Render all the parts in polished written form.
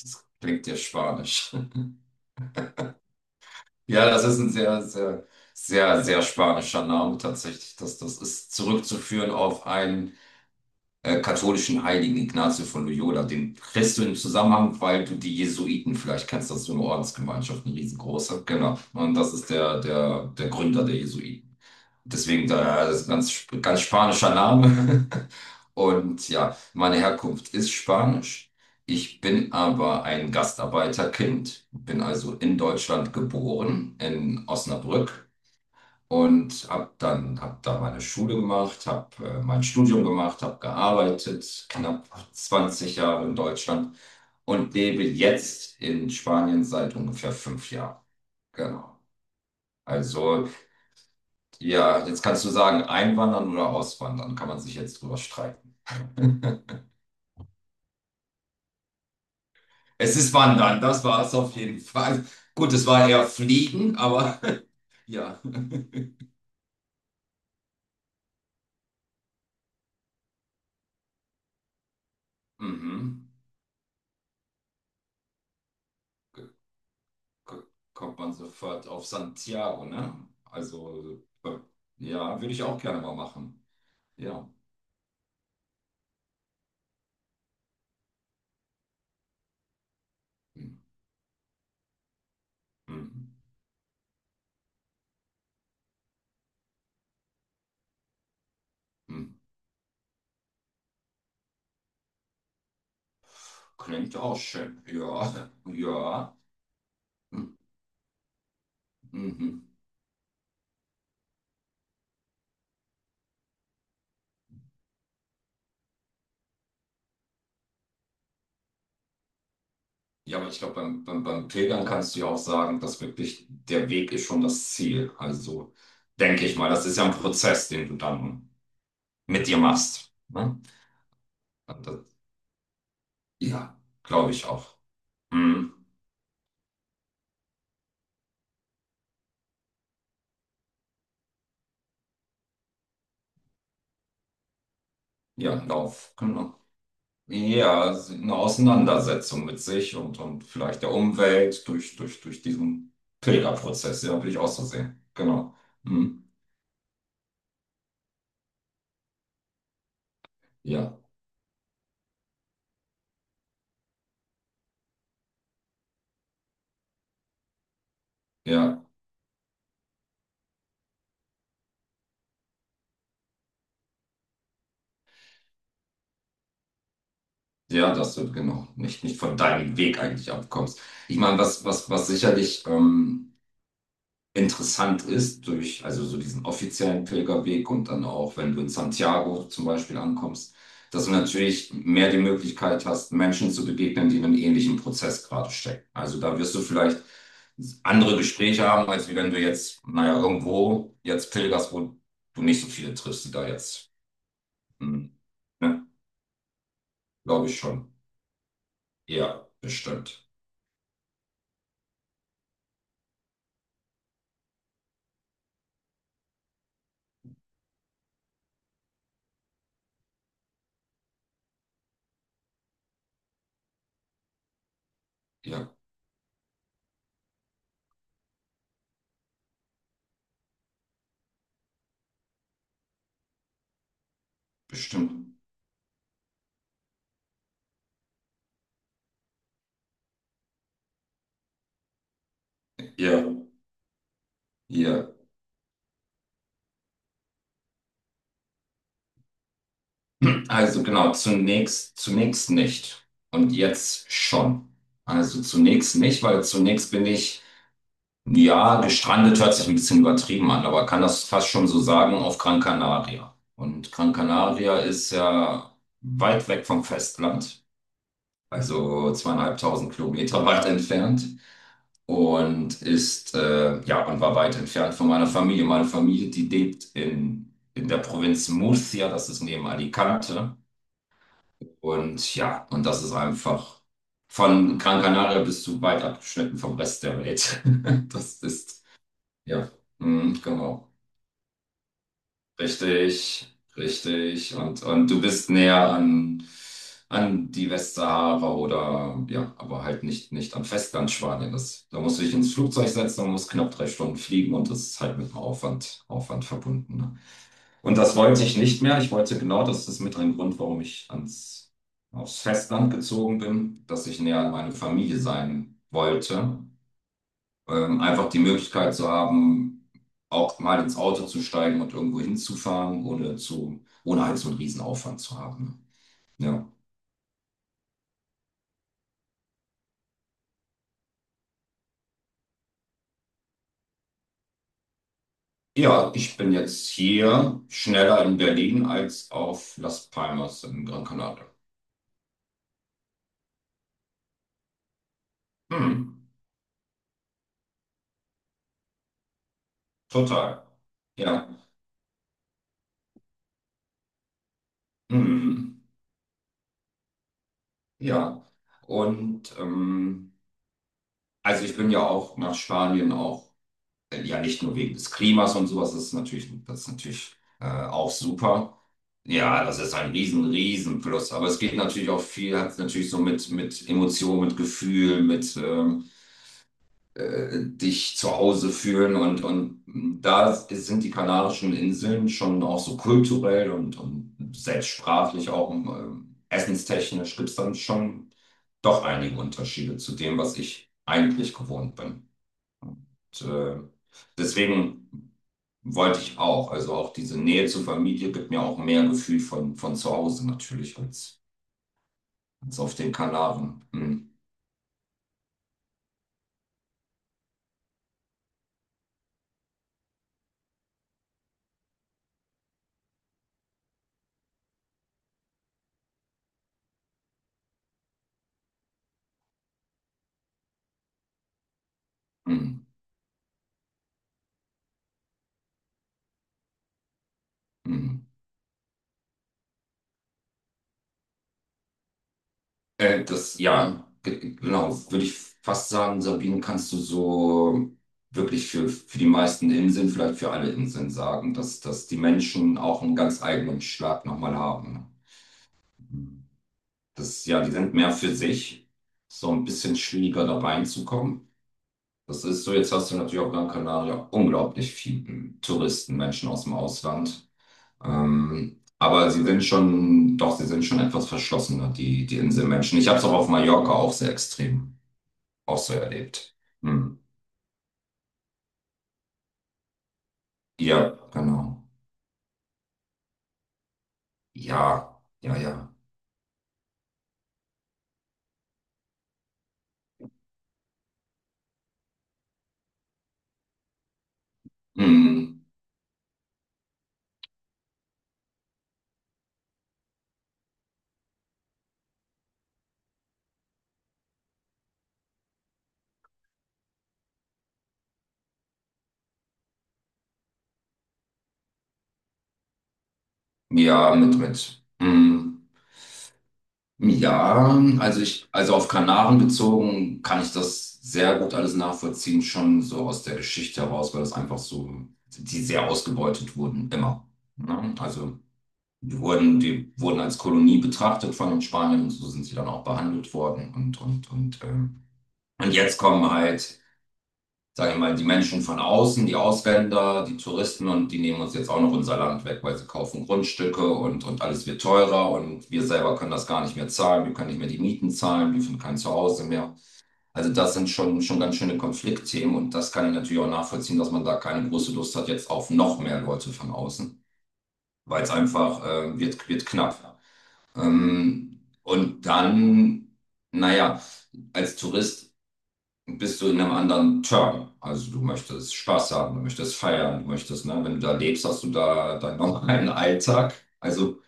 Das klingt ja spanisch. Ja, das ist ein sehr, sehr, sehr, sehr spanischer Name tatsächlich. Das ist zurückzuführen auf einen katholischen Heiligen Ignazio von Loyola. Den kriegst du im Zusammenhang, weil du die Jesuiten vielleicht kennst, das ist so eine Ordensgemeinschaft, eine riesengroße. Genau. Und das ist der Gründer der Jesuiten. Deswegen da, ja, das ist ein ganz spanischer Name. Und ja, meine Herkunft ist Spanisch. Ich bin aber ein Gastarbeiterkind, bin also in Deutschland geboren, in Osnabrück und hab da meine Schule gemacht, habe mein Studium gemacht, habe gearbeitet, knapp 20 Jahre in Deutschland und lebe jetzt in Spanien seit ungefähr 5 Jahren. Genau. Also, ja, jetzt kannst du sagen, einwandern oder auswandern, kann man sich jetzt drüber streiten. Es ist Wandern, das war es auf jeden Fall. Gut, es war eher Fliegen, aber ja. Mhm. k- kommt man sofort auf Santiago, ne? Also, ja, würde ich auch gerne mal machen. Ja. Hm, hm, hm. Klingt auch schön. Ja, ja. Hm, Mhm. Ja, aber ich glaube, beim Pilgern kannst du ja auch sagen, dass wirklich der Weg ist schon das Ziel. Also, denke ich mal, das ist ja ein Prozess, den du dann mit dir machst. Ne? Und das, ja, glaube ich auch. Hm. Ja, Lauf, genau. Ja, es ist eine Auseinandersetzung mit sich und, vielleicht der Umwelt durch diesen Pilgerprozess, ja, würde ich auch so sehen. Genau. Hm. Ja, ja, ja, dass du genau nicht von deinem Weg eigentlich abkommst. Ich meine, was sicherlich, interessant ist durch also so diesen offiziellen Pilgerweg und dann auch, wenn du in Santiago zum Beispiel ankommst, dass du natürlich mehr die Möglichkeit hast, Menschen zu begegnen, die in einem ähnlichen Prozess gerade stecken. Also da wirst du vielleicht andere Gespräche haben, als wie wenn du jetzt, naja, irgendwo jetzt pilgerst, wo du nicht so viele triffst, die da jetzt, hm, ne, glaube ich schon. Ja, bestimmt. Ja, bestimmt. Ja, ja. Also genau, zunächst nicht. Und jetzt schon. Also zunächst nicht, weil zunächst bin ich, ja, gestrandet hört sich ein bisschen übertrieben an, aber kann das fast schon so sagen, auf Gran Canaria. Und Gran Canaria ist ja weit weg vom Festland, also 2500 Kilometer weit entfernt. Und ist, ja, und war weit entfernt von meiner Familie. Meine Familie, die lebt in, der Provinz Murcia, das ist neben Alicante. Und ja, und das ist einfach von Gran Canaria bis zu weit abgeschnitten vom Rest der Welt. Das ist, ja, genau. Richtig, richtig. und, du bist näher an die Westsahara oder, ja, aber halt nicht am Festland Spanien. Da musst du dich ins Flugzeug setzen und musst knapp 3 Stunden fliegen und das ist halt mit einem Aufwand verbunden. Ne? Und das wollte ich nicht mehr. Ich wollte genau, das ist mit ein Grund, warum ich aufs Festland gezogen bin, dass ich näher an meine Familie sein wollte. Einfach die Möglichkeit zu haben, auch mal ins Auto zu steigen und irgendwo hinzufahren, ohne halt so einen riesen Aufwand zu haben. Ja. Ja, ich bin jetzt hier schneller in Berlin als auf Las Palmas in Gran Canaria. Hm, total. Ja. Hm, ja. Und also ich bin ja auch nach Spanien auch, ja nicht nur wegen des Klimas und sowas, das ist natürlich auch super. Ja, das ist ein riesen, riesen Plus. Aber es geht natürlich auch viel, hat natürlich so mit, Emotionen, mit Gefühl, mit dich zu Hause fühlen. Und da sind die Kanarischen Inseln schon auch so kulturell und selbst sprachlich auch essenstechnisch gibt es dann schon doch einige Unterschiede zu dem, was ich eigentlich gewohnt bin. Und, deswegen wollte ich auch, also auch diese Nähe zur Familie gibt mir auch mehr Gefühl von, zu Hause natürlich als auf den Kanaren. Hm, hm, hm. Das, ja, genau, würde ich fast sagen, Sabine, kannst du so wirklich für, die meisten Inseln, vielleicht für alle Inseln sagen, dass die Menschen auch einen ganz eigenen Schlag nochmal haben. Das, ja, die sind mehr für sich, so ein bisschen schwieriger da reinzukommen. Das ist so, jetzt hast du natürlich auf Gran Canaria unglaublich viele Touristen, Menschen aus dem Ausland. Aber sie sind schon, doch, sie sind schon etwas verschlossener, die Inselmenschen. Ich habe es auch auf Mallorca auch sehr extrem auch so erlebt. Hm. Ja, genau. Ja, ja, ja. Hm. Ja, mit. Hm. Ja, also auf Kanaren bezogen kann ich das sehr gut alles nachvollziehen, schon so aus der Geschichte heraus, weil das einfach so, die sehr ausgebeutet wurden, immer. Ne? Also die wurden als Kolonie betrachtet von den Spaniern und so sind sie dann auch behandelt worden und, und jetzt kommen halt sage ich mal, die Menschen von außen, die Ausländer, die Touristen und die nehmen uns jetzt auch noch unser Land weg, weil sie kaufen Grundstücke und, alles wird teurer und wir selber können das gar nicht mehr zahlen, wir können nicht mehr die Mieten zahlen, wir finden kein Zuhause mehr. Also das sind schon ganz schöne Konfliktthemen und das kann ich natürlich auch nachvollziehen, dass man da keine große Lust hat jetzt auf noch mehr Leute von außen, weil es einfach wird knapp. Und dann, naja, als Tourist bist du in einem anderen Term. Also du möchtest Spaß haben, du möchtest feiern, du möchtest, ne, wenn du da lebst, hast du da deinen normalen Alltag. Also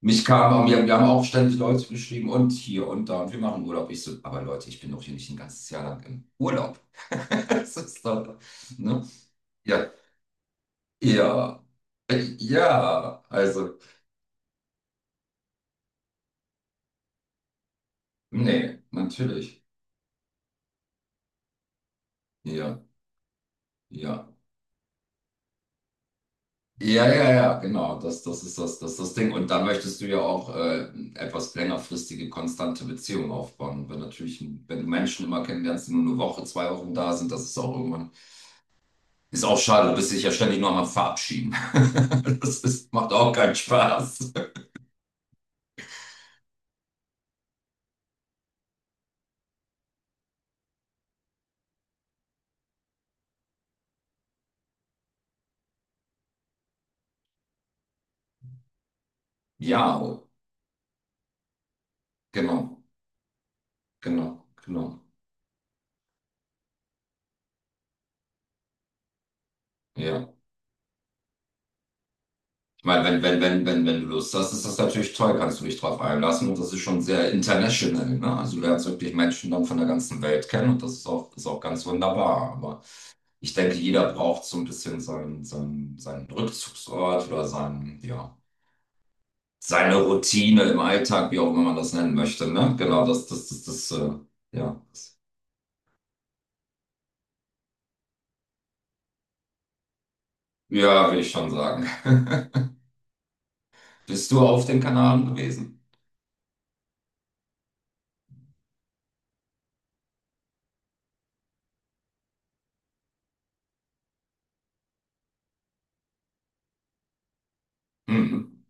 mich kam, wir haben auch ständig Leute geschrieben und hier und da und wir machen Urlaub. Ich so, aber Leute, ich bin doch hier nicht ein ganzes Jahr lang im Urlaub. Das ist doch, ne? Ja, ja, ja, also, nee, natürlich. Ja, ja. Ja, ja, ja, genau. Das ist das ist das Ding. Und dann möchtest du ja auch etwas längerfristige, konstante Beziehung aufbauen. Wenn du Menschen immer kennenlernst, die nur eine Woche, 2 Wochen da sind, das ist auch irgendwann, ist auch schade. Du bist dich ja ständig nur am Verabschieden. Das ist, macht auch keinen Spaß. Ja, genau, genau, genau, ja. Ich meine, wenn du Lust hast, ist das natürlich toll, kannst du dich drauf einlassen und das ist schon sehr international, ne? Also du lernst wirklich Menschen dann von der ganzen Welt kennen und das ist auch ganz wunderbar. Aber ich denke, jeder braucht so ein bisschen seinen Rückzugsort oder seine Routine im Alltag, wie auch immer man das nennen möchte, ne? Genau, ja. Ja, will ich schon sagen. Bist du auf den Kanaren gewesen? Mhm.